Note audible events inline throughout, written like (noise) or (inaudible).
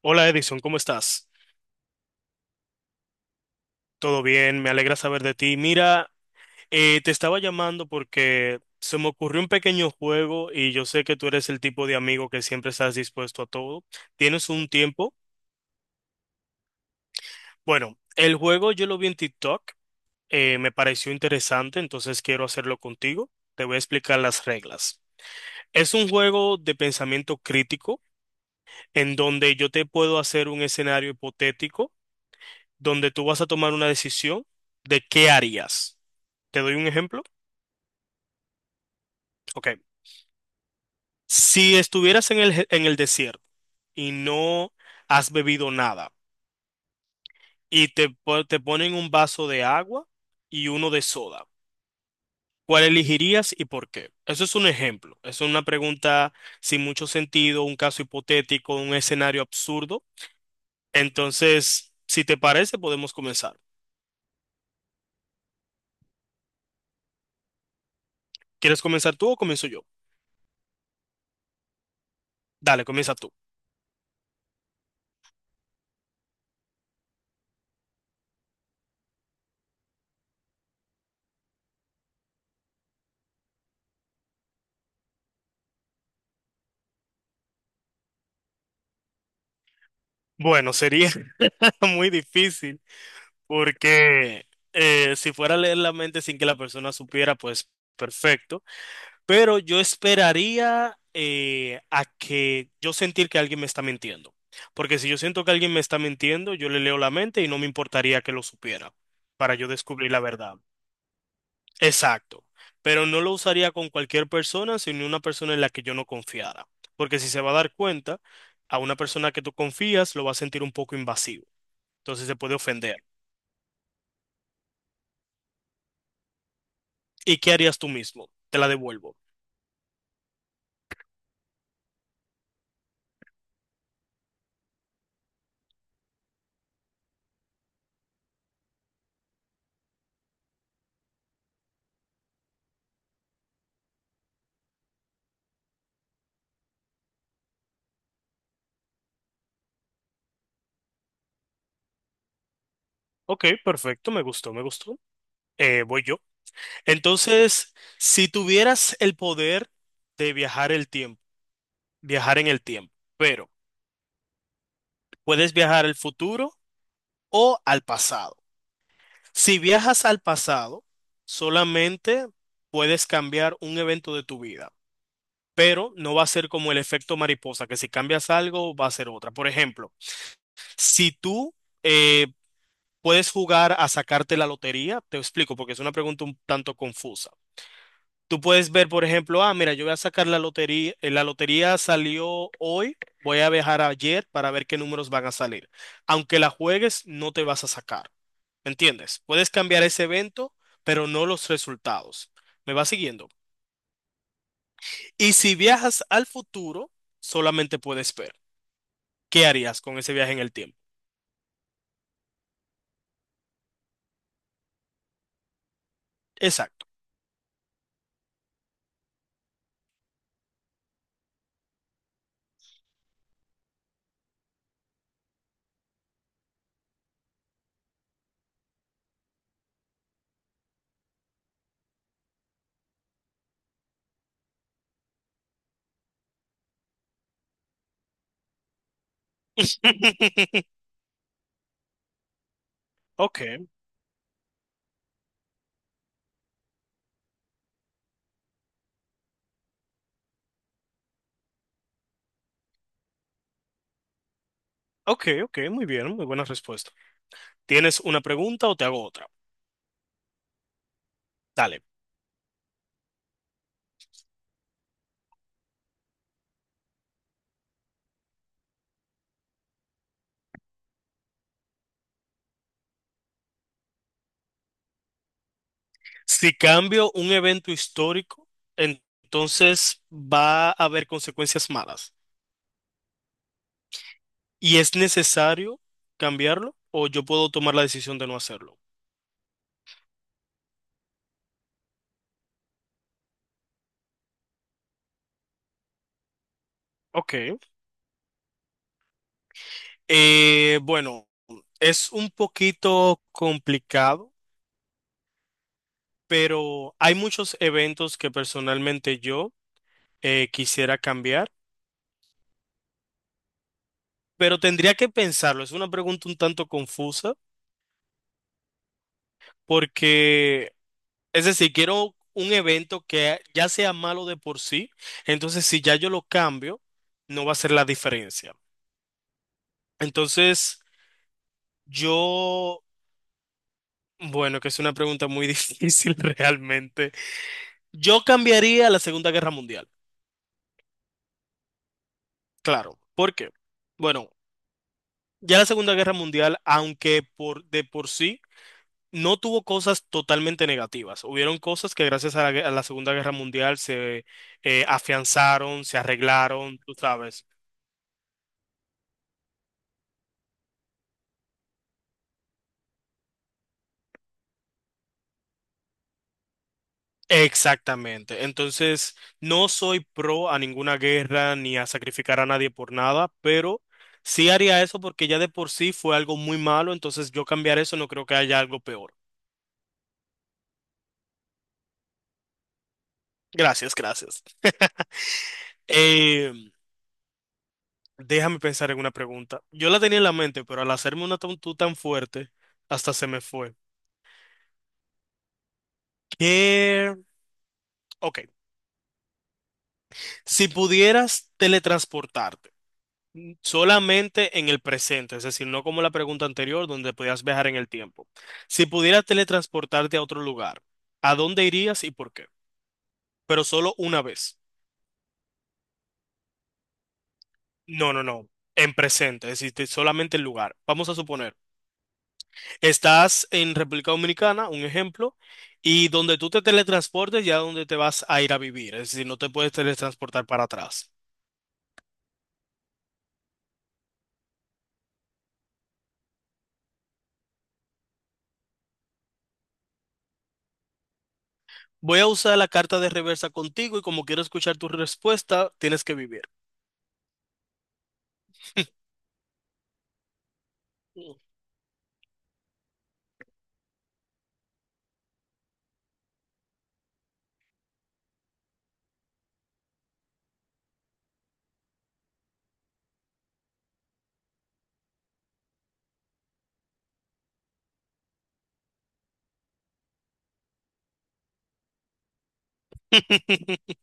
Hola Edison, ¿cómo estás? Todo bien, me alegra saber de ti. Mira, te estaba llamando porque se me ocurrió un pequeño juego y yo sé que tú eres el tipo de amigo que siempre estás dispuesto a todo. ¿Tienes un tiempo? Bueno, el juego yo lo vi en TikTok. Me pareció interesante, entonces quiero hacerlo contigo. Te voy a explicar las reglas. Es un juego de pensamiento crítico en donde yo te puedo hacer un escenario hipotético donde tú vas a tomar una decisión de qué harías. ¿Te doy un ejemplo? Ok. Si estuvieras en el, en el desierto y no has bebido nada y te, te ponen un vaso de agua y uno de soda, ¿cuál elegirías y por qué? Eso es un ejemplo. Es una pregunta sin mucho sentido, un caso hipotético, un escenario absurdo. Entonces, si te parece, podemos comenzar. ¿Quieres comenzar tú o comienzo yo? Dale, comienza tú. Bueno, sería (laughs) muy difícil porque si fuera a leer la mente sin que la persona supiera, pues perfecto. Pero yo esperaría a que yo sentir que alguien me está mintiendo. Porque si yo siento que alguien me está mintiendo, yo le leo la mente y no me importaría que lo supiera para yo descubrir la verdad. Exacto. Pero no lo usaría con cualquier persona, sino una persona en la que yo no confiara. Porque si se va a dar cuenta, a una persona que tú confías lo va a sentir un poco invasivo. Entonces se puede ofender. ¿Y qué harías tú mismo? Te la devuelvo. Ok, perfecto, me gustó, me gustó. Voy yo. Entonces, si tuvieras el poder de viajar en el tiempo, pero puedes viajar al futuro o al pasado. Si viajas al pasado, solamente puedes cambiar un evento de tu vida, pero no va a ser como el efecto mariposa, que si cambias algo va a ser otra. Por ejemplo, si tú eh, puedes jugar a sacarte la lotería, te explico porque es una pregunta un tanto confusa. Tú puedes ver, por ejemplo, ah, mira, yo voy a sacar la lotería salió hoy, voy a viajar ayer para ver qué números van a salir. Aunque la juegues, no te vas a sacar, ¿me entiendes? Puedes cambiar ese evento, pero no los resultados. ¿Me vas siguiendo? Y si viajas al futuro, solamente puedes ver. ¿Qué harías con ese viaje en el tiempo? Exacto. (laughs) Ok, ok, ok, muy bien, muy buena respuesta. ¿Tienes una pregunta o te hago otra? Dale. Si cambio un evento histórico, entonces va a haber consecuencias malas. ¿Y es necesario cambiarlo o yo puedo tomar la decisión de no hacerlo? Ok. Bueno, es un poquito complicado, pero hay muchos eventos que personalmente yo quisiera cambiar, pero tendría que pensarlo. Es una pregunta un tanto confusa porque, es decir, quiero un evento que ya sea malo de por sí, entonces si ya yo lo cambio, no va a ser la diferencia. Entonces, yo, bueno, que es una pregunta muy (laughs) difícil realmente. Yo cambiaría la Segunda Guerra Mundial, claro. ¿Por qué? Bueno, ya la Segunda Guerra Mundial, aunque por de por sí no tuvo cosas totalmente negativas, hubieron cosas que gracias a la, a la Segunda Guerra Mundial se afianzaron, se arreglaron, tú sabes. Exactamente. Entonces, no soy pro a ninguna guerra ni a sacrificar a nadie por nada, pero sí haría eso porque ya de por sí fue algo muy malo, entonces yo cambiar eso no creo que haya algo peor. Gracias, gracias. (laughs) Eh, Déjame pensar en una pregunta. Yo la tenía en la mente, pero al hacerme una tú tan fuerte, hasta se me fue. ¿Qué? Ok. Si pudieras teletransportarte solamente en el presente, es decir, no como la pregunta anterior donde podías viajar en el tiempo. Si pudieras teletransportarte a otro lugar, ¿a dónde irías y por qué? Pero solo una vez. No, no, no. En presente, es decir, solamente el lugar. Vamos a suponer, estás en República Dominicana, un ejemplo, y donde tú te teletransportes ya donde te vas a ir a vivir, es decir, no te puedes teletransportar para atrás. Voy a usar la carta de reversa contigo y como quiero escuchar tu respuesta, tienes que vivir. (laughs)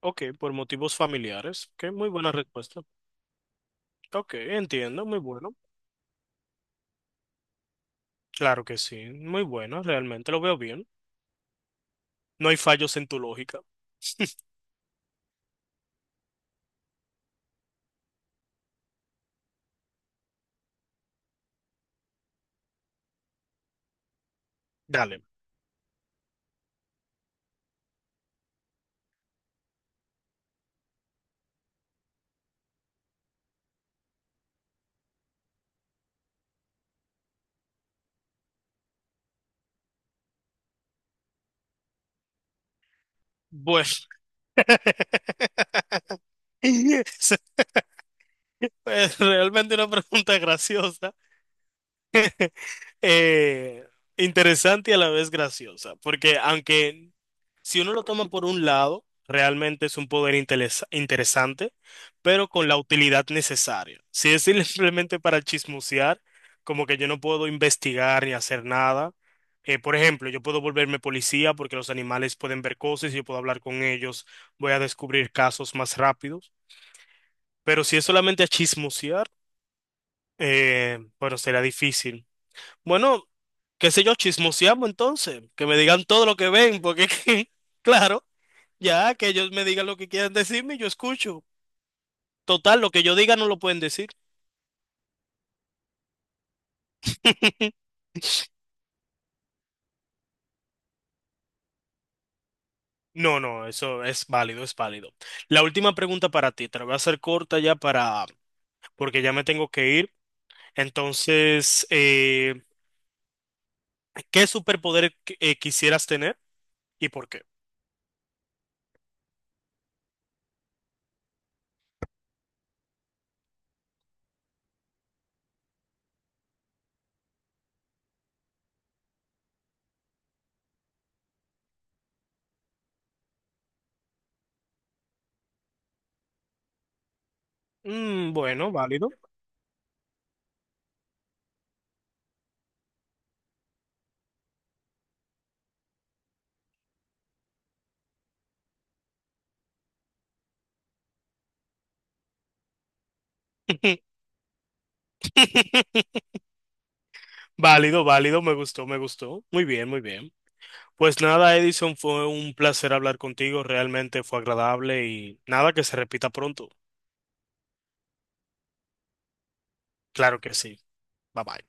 Ok, por motivos familiares. Ok, muy buena respuesta. Ok, entiendo, muy bueno. Claro que sí, muy bueno, realmente lo veo bien. No hay fallos en tu lógica. Dale. Bueno. (laughs) Es realmente una pregunta graciosa. eh, Interesante y a la vez graciosa, porque aunque si uno lo toma por un lado, realmente es un poder interesante, pero con la utilidad necesaria. Si es (laughs) simplemente para chismosear, como que yo no puedo investigar ni hacer nada. Por ejemplo, yo puedo volverme policía porque los animales pueden ver cosas y yo puedo hablar con ellos, voy a descubrir casos más rápidos. Pero si es solamente a chismosear, bueno, será difícil. Bueno, qué sé yo, chismoseamos entonces, que me digan todo lo que ven, porque es que, (laughs) claro, ya que ellos me digan lo que quieran decirme, yo escucho. Total, lo que yo diga no lo pueden decir. No, no, eso es válido, es válido. La última pregunta para ti, te la voy a hacer corta ya para, porque ya me tengo que ir. Entonces, ¿qué superpoder quisieras tener y por qué? Mm, bueno, válido. (laughs) Válido, válido, me gustó, me gustó. Muy bien, muy bien. Pues nada, Edison, fue un placer hablar contigo, realmente fue agradable y nada que se repita pronto. Claro que sí. Bye bye.